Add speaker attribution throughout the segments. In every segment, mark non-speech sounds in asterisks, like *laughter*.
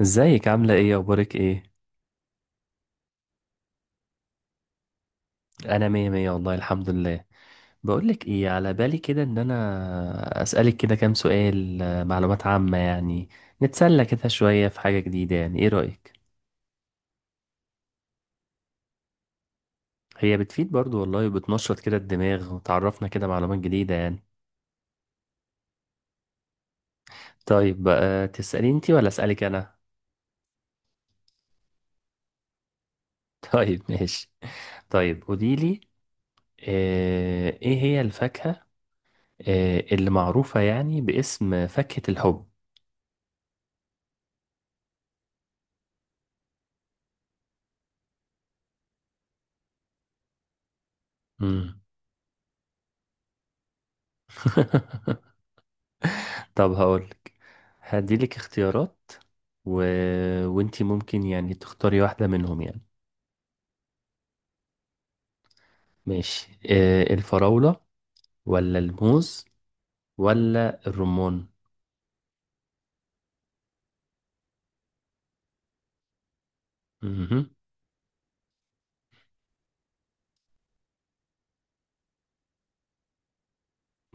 Speaker 1: ازيك، عاملة ايه؟ اخبارك ايه؟ انا مية مية والله، الحمد لله. بقولك ايه، على بالي كده ان انا اسألك كده كام سؤال، معلومات عامة يعني. نتسلى كده شوية في حاجة جديدة، يعني ايه رأيك؟ هي بتفيد برضو والله، وبتنشط كده الدماغ، وتعرفنا كده معلومات جديدة يعني. طيب بقى، تسألي انتي ولا اسألك انا؟ *laughs* طيب ماشي. طيب قوليلي، ايه هي الفاكهة اللي معروفة يعني باسم فاكهة الحب؟ مم. *laughs* طب هقولك، هديلك اختيارات و... وانتي ممكن يعني تختاري واحدة منهم يعني. ماشي، الفراولة ولا الموز ولا الرمان؟ مهم.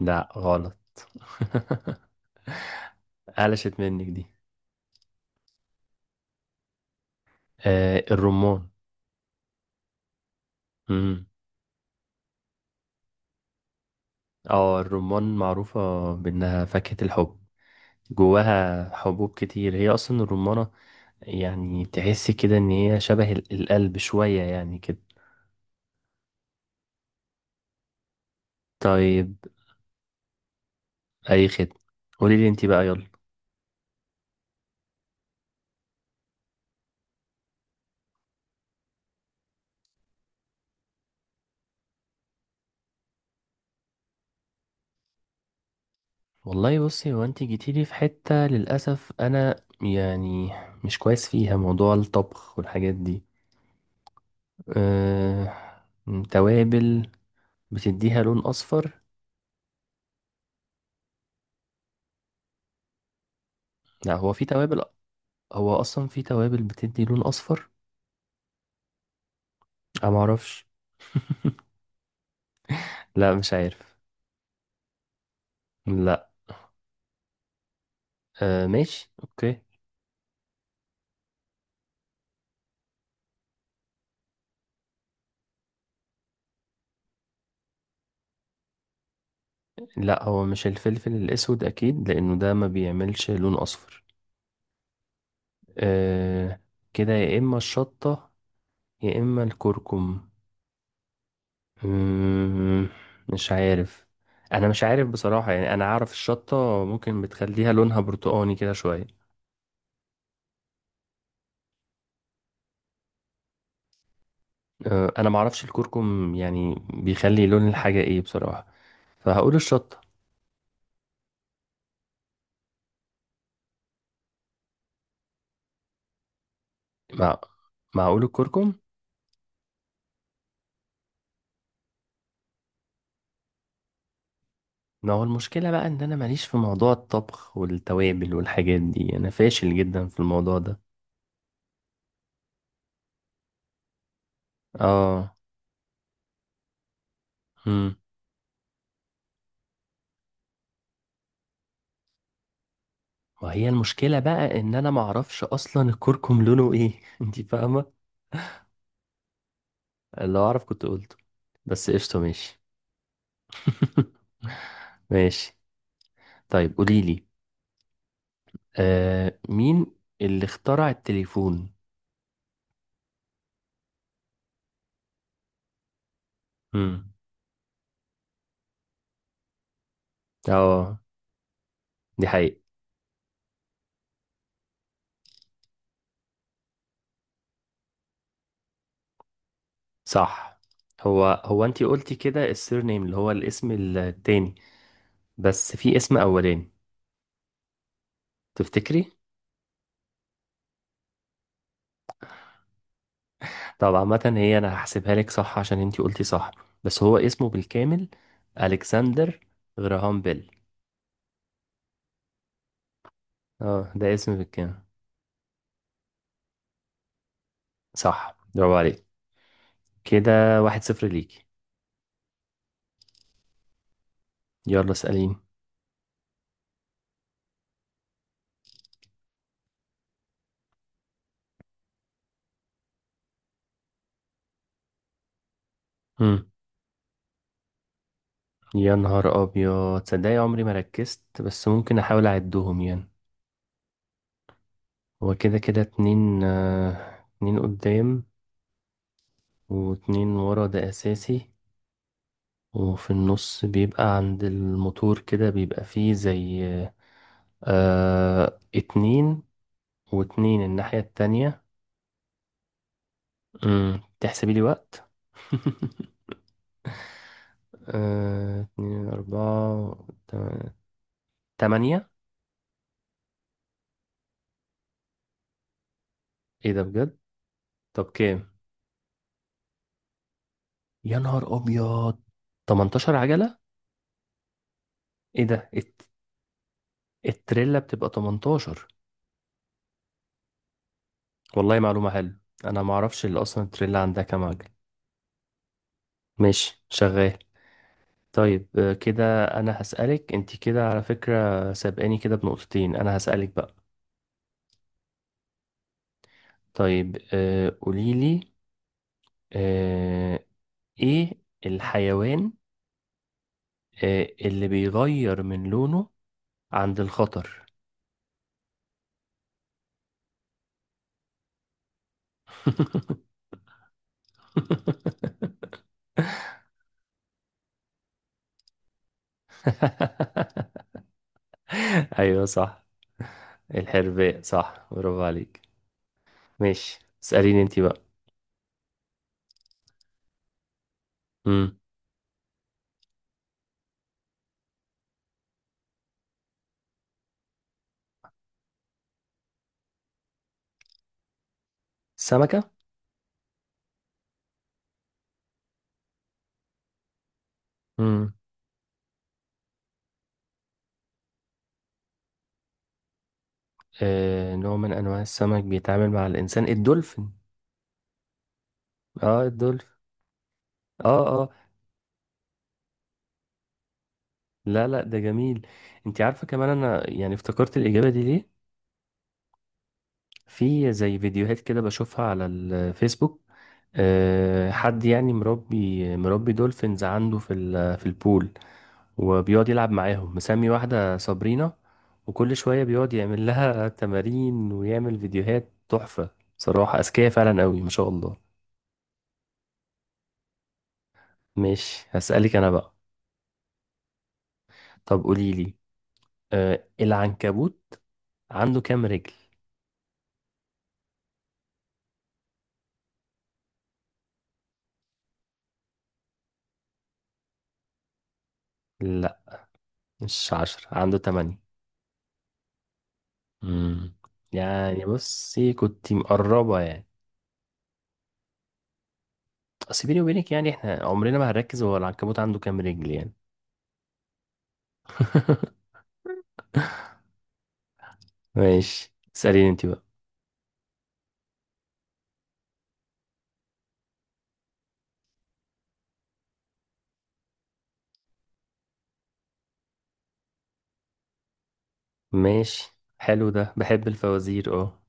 Speaker 1: لا، غلط. *laughs* قلشت منك دي. الرمان. مم. اه، الرمان معروفة بأنها فاكهة الحب. جواها حبوب كتير، هي أصلا الرمانة. يعني تحس كده إن هي شبه القلب شوية يعني كده. طيب، اي خدمه. قولي لي انت بقى، يلا. والله بصي، هو انت جيتي لي في حته للاسف، انا يعني مش كويس فيها موضوع الطبخ والحاجات دي. أه... توابل بتديها لون اصفر. لا، هو في توابل. هو اصلا في توابل بتدي لون اصفر. انا معرفش. لا، مش عارف. لا. ماشي اوكي. لا، هو مش الفلفل الاسود اكيد، لانه ده ما بيعملش لون اصفر. أه... كده يا اما الشطه، يا اما الكركم. مم، مش عارف. انا مش عارف بصراحة، يعني انا عارف الشطة ممكن بتخليها لونها برتقاني كده شوية. انا معرفش الكركم يعني بيخلي لون الحاجة ايه بصراحة، فهقول الشطة. مع معقول الكركم؟ ما هو المشكلة بقى ان انا ماليش في موضوع الطبخ والتوابل والحاجات دي، انا فاشل جدا في الموضوع ده. اه. امم. وهي المشكلة بقى ان انا معرفش اصلا الكركم لونه ايه، *laughs* انتي فاهمة. لو اعرف كنت قلته. بس قشطة، ماشي. *laughs* ماشي. طيب قولي لي، مين اللي اخترع التليفون؟ امم. اه، دي حقيقة. صح. هو هو انتي قلتي كده السير نيم اللي هو الاسم التاني، بس في اسم اولاني، تفتكري؟ طب عامة هي انا هحسبها لك صح عشان انتي قلتي صح، بس هو اسمه بالكامل: الكسندر غراهام بيل. اه، ده اسم بالكامل. صح، برافو عليك. كده 1-0 ليكي. يلا اسأليني. يا نهار ابيض، تصدقي عمري ما ركزت، بس ممكن احاول اعدهم يعني. هو كده كده اتنين قدام، واتنين ورا ده اساسي. وفي النص بيبقى عند الموتور كده، بيبقى فيه زي اتنين، واتنين الناحية التانية. تحسبي لي وقت؟ *laughs* اتنين، اربعة، تا- تمانية. ايه ده بجد؟ طب كام؟ يا نهار ابيض! 18 عجلة؟ ايه ده! التريلا بتبقى 18؟ والله معلومة حلوة. انا ما اعرفش اللي اصلا التريلا عندها كام عجل. ماشي، شغال. طيب كده انا هسألك انت، كده على فكرة سابقاني كده بنقطتين، انا هسألك بقى. طيب قوليلي، آه، ايه الحيوان اللي بيغير من لونه عند الخطر؟ *laughs* *laughs* ايوه صح. الحرباء، صح، برافو عليك. ماشي، اسأليني انت بقى. مم. السمكة. مم. نوع من انواع السمك بيتعامل مع الانسان، الدولفين. اه، الدولفين. اه، اه. لا، لا، ده جميل. انت عارفه كمان، انا يعني افتكرت الاجابه دي ليه. في زي فيديوهات كده بشوفها على الفيسبوك، حد يعني مربي دولفينز عنده في في البول، وبيقعد يلعب معاهم، مسمي واحده صابرينا، وكل شويه بيقعد يعمل لها تمارين ويعمل فيديوهات تحفه. بصراحه اذكياء فعلا قوي، ما شاء الله. ماشي، هسألك أنا بقى. طب قولي لي، العنكبوت عنده كام رجل؟ لا، مش عشرة، عنده تمانية. مم. يعني بصي، كنت مقربة يعني. أصل بيني وبينك يعني، احنا عمرنا ما هنركز هو العنكبوت عنده كام رجل يعني. ماشي، اسأليني انت بقى. ماشي، حلو ده، بحب الفوازير اه.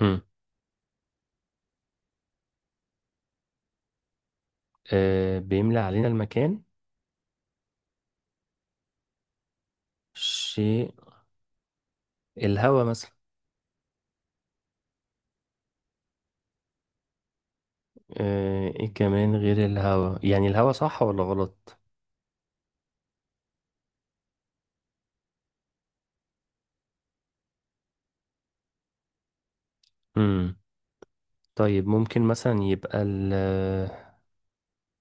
Speaker 1: هم. بيملى علينا المكان. شيء، الهوا مثلا. ايه كمان غير الهوا؟ يعني الهوا صح ولا غلط؟ طيب ممكن مثلا يبقى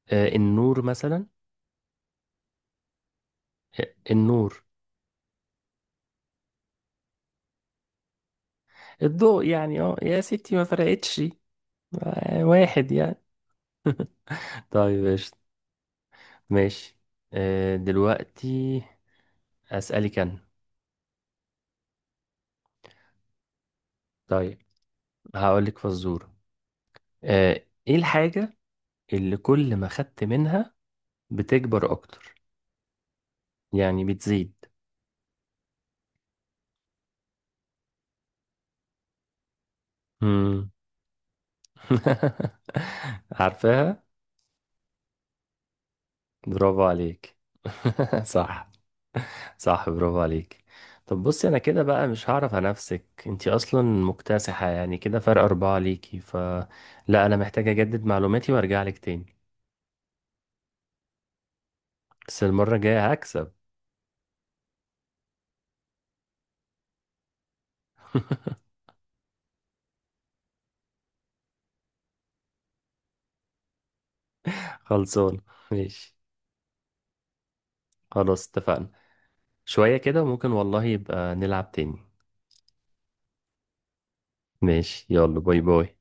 Speaker 1: النور مثلا. النور. الضوء يعني، اه يا ستي ما فرقتش. واحد يعني. *laughs* طيب قشطة. ماشي. دلوقتي أسألك أنا. طيب، هقولك فزورة، إيه الحاجة اللي كل ما خدت منها بتكبر أكتر، يعني بتزيد؟ مم. *laughs* عارفاها؟ برافو عليك. *laughs* صح. صح، برافو عليك. طب بصي، انا كده بقى مش هعرف انافسك، انتي اصلا مكتسحة يعني كده، فرق اربعة ليكي، ف لا، انا محتاج اجدد معلوماتي وارجع لك تاني. بس المرة الجاية هكسب. *laughs* خلصان. ماشي، خلاص اتفقنا. شوية كده وممكن والله يبقى نلعب تاني. ماشي، يلا، باي باي.